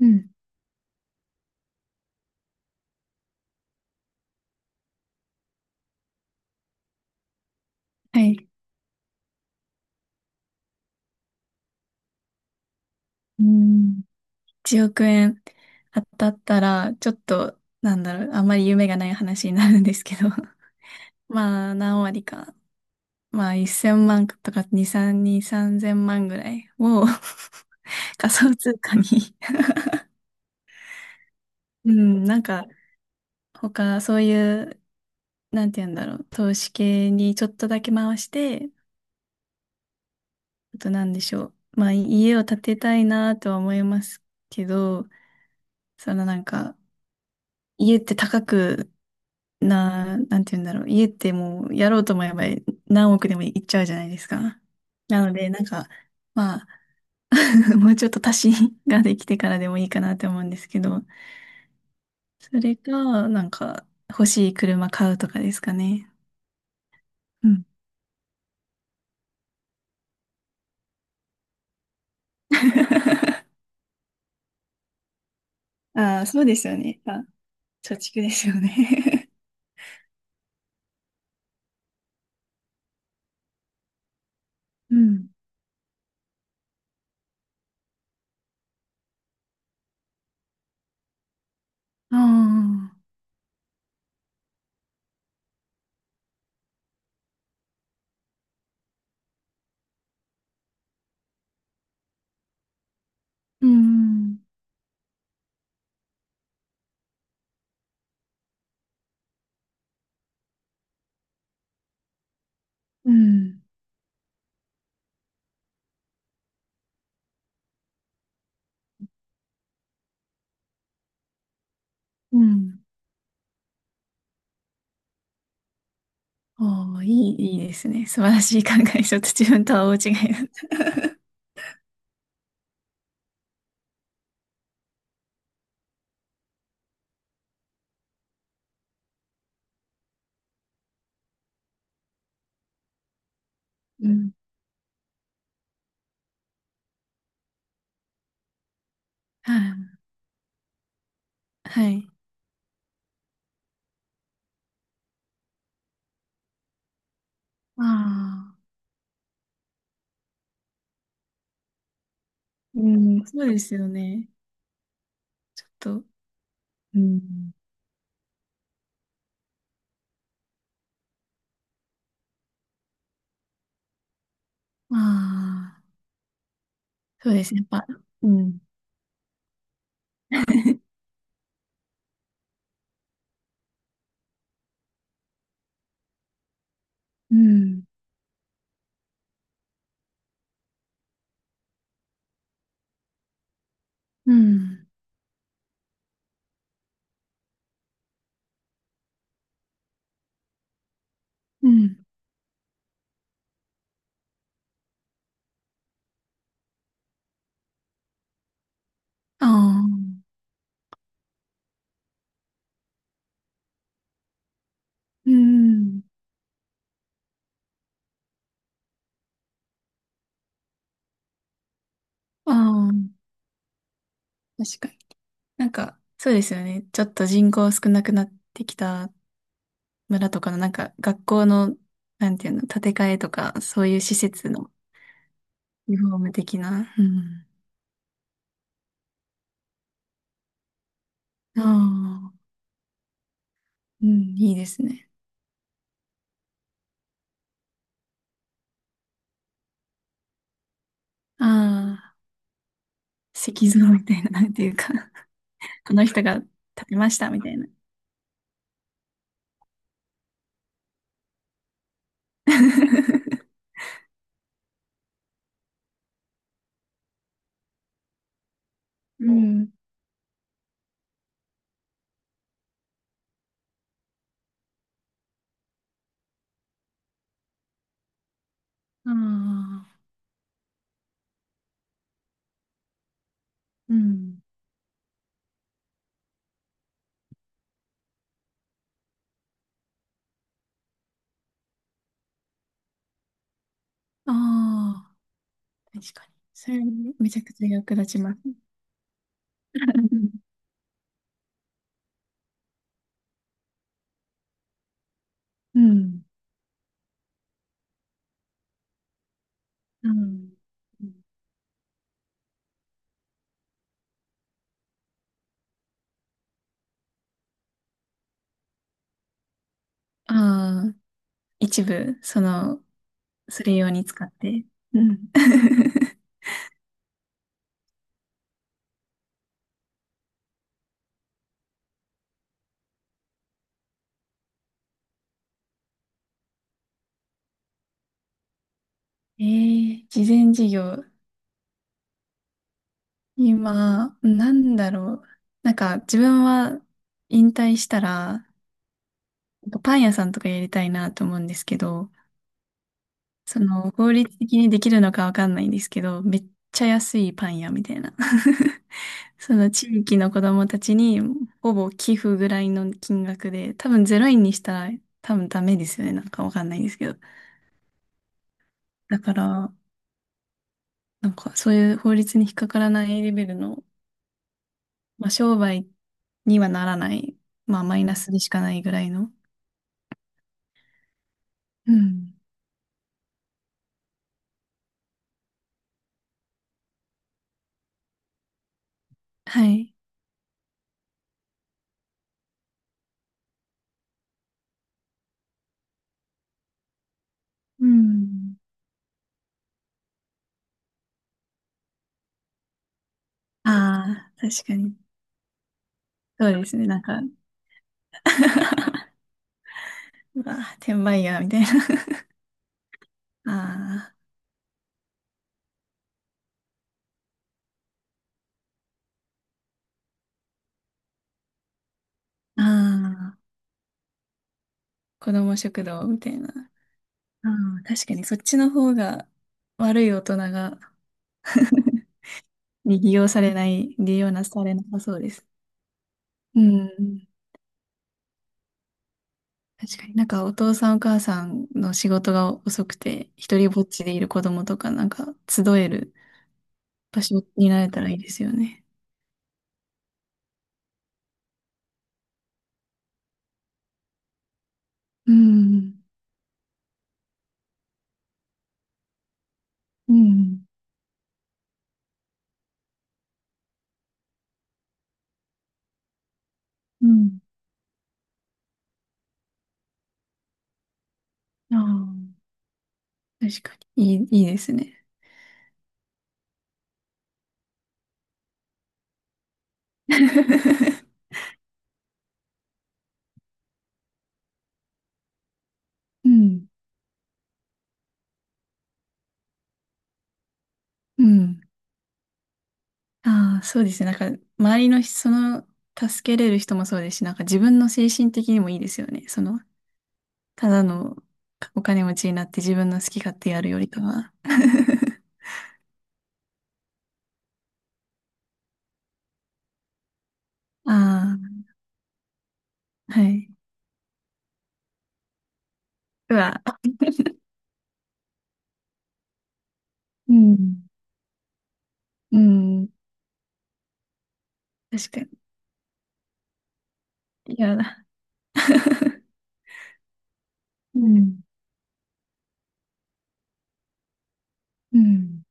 うん。はい。うん。1億円当たったら、ちょっと、なんだろう、あんまり夢がない話になるんですけど。まあ、何割か。まあ、1000万とか2、3000万ぐらいを 仮想通貨に。 うん、なんか、他、そういう、なんて言うんだろう、投資系にちょっとだけ回して、あとなんでしょう。まあ、家を建てたいなとは思いますけど、そのなんか、家って高くな、なんて言うんだろう。家ってもうやろうと思えば何億でもいっちゃうじゃないですか。なので、なんか、まあ、もうちょっと足しができてからでもいいかなって思うんですけど、それか、なんか、欲しい車買うとかですかね。うん。ああ、そうですよね。あ、貯蓄ですよね。うん。ああ、うん、うん、うん。ああ、いい、いいですね。素晴らしい考え。ちょっと自分とは大違いだ。うん。はい。はい。ああ。うん、そうですよね。ちょっと、うん。まあ、そうですね。やっぱ、うん、うん、うん、うん。ああ、うん、ああ、確かに。なんか、そうですよね。ちょっと人口少なくなってきた村とかの、なんか、学校の、なんていうの、建て替えとか、そういう施設のリフォーム的な。うん。ああ、うん、いいですね。ああ、石像みたいな、なんていうか、この人が建てましたみたいな。うそん。ああ、うん。ああ、確かに。それ、めちゃくちゃ役立ちます。うん。うん。ああ、一部、その、それ用に使って。うん。ええ事前事業。今、なんだろう。なんか、自分は引退したら、パン屋さんとかやりたいなと思うんですけど、その、法律的にできるのかわかんないんですけど、めっちゃ安いパン屋みたいな。その地域の子供たちにほぼ寄付ぐらいの金額で、多分ゼイ円にしたら多分ダメですよね。なんかわかんないですけど。だから、なんかそういう法律に引っかからないレベルの、まあ商売にはならない、まあマイナスでしかないぐらいの。うん。はい。うん。ああ、確かに。そうですね。なんか。 うわ、転売ヤーみたいな。ああ、ああ、子供食堂みたいな。ああ、確かにそっちの方が悪い大人が に利用なされなさそうです。うん。確かになんかお父さんお母さんの仕事が遅くて、一人ぼっちでいる子供とかなんか集える場所になれたらいいですよね。うん。うん。うん。ああ、確かに。いい、いいですね。うん。うん。ああ、そうですね。なんか、周りの人、その、助けれる人もそうですし、なんか自分の精神的にもいいですよね。その、ただのお金持ちになって自分の好き勝手やるよりかは。ああ、はい。うわ、うん、うん、確かに。いやだ。うん、うん。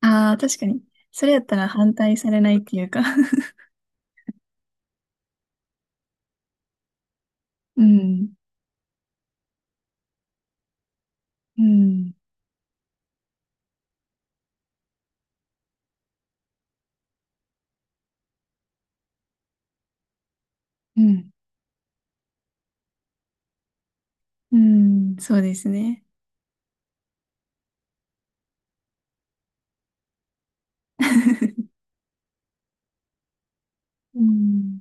ああ、確かに。それやったら反対されないっていうか。 うん、うん、うん、うん、そうですね。うん。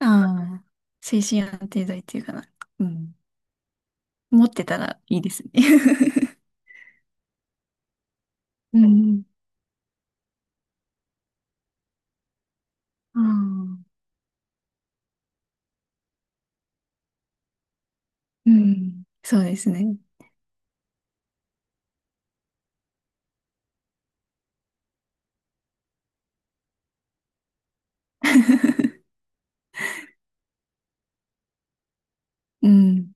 ああ、精神安定剤っていうかな。うん。持ってたらいいですね。うん。ああ、うん。そうですね。うん。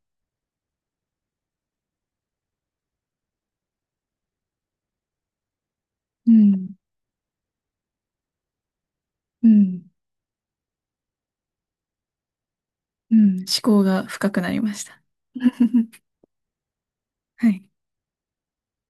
うん。うん。うん。思考が深くなりました。はい。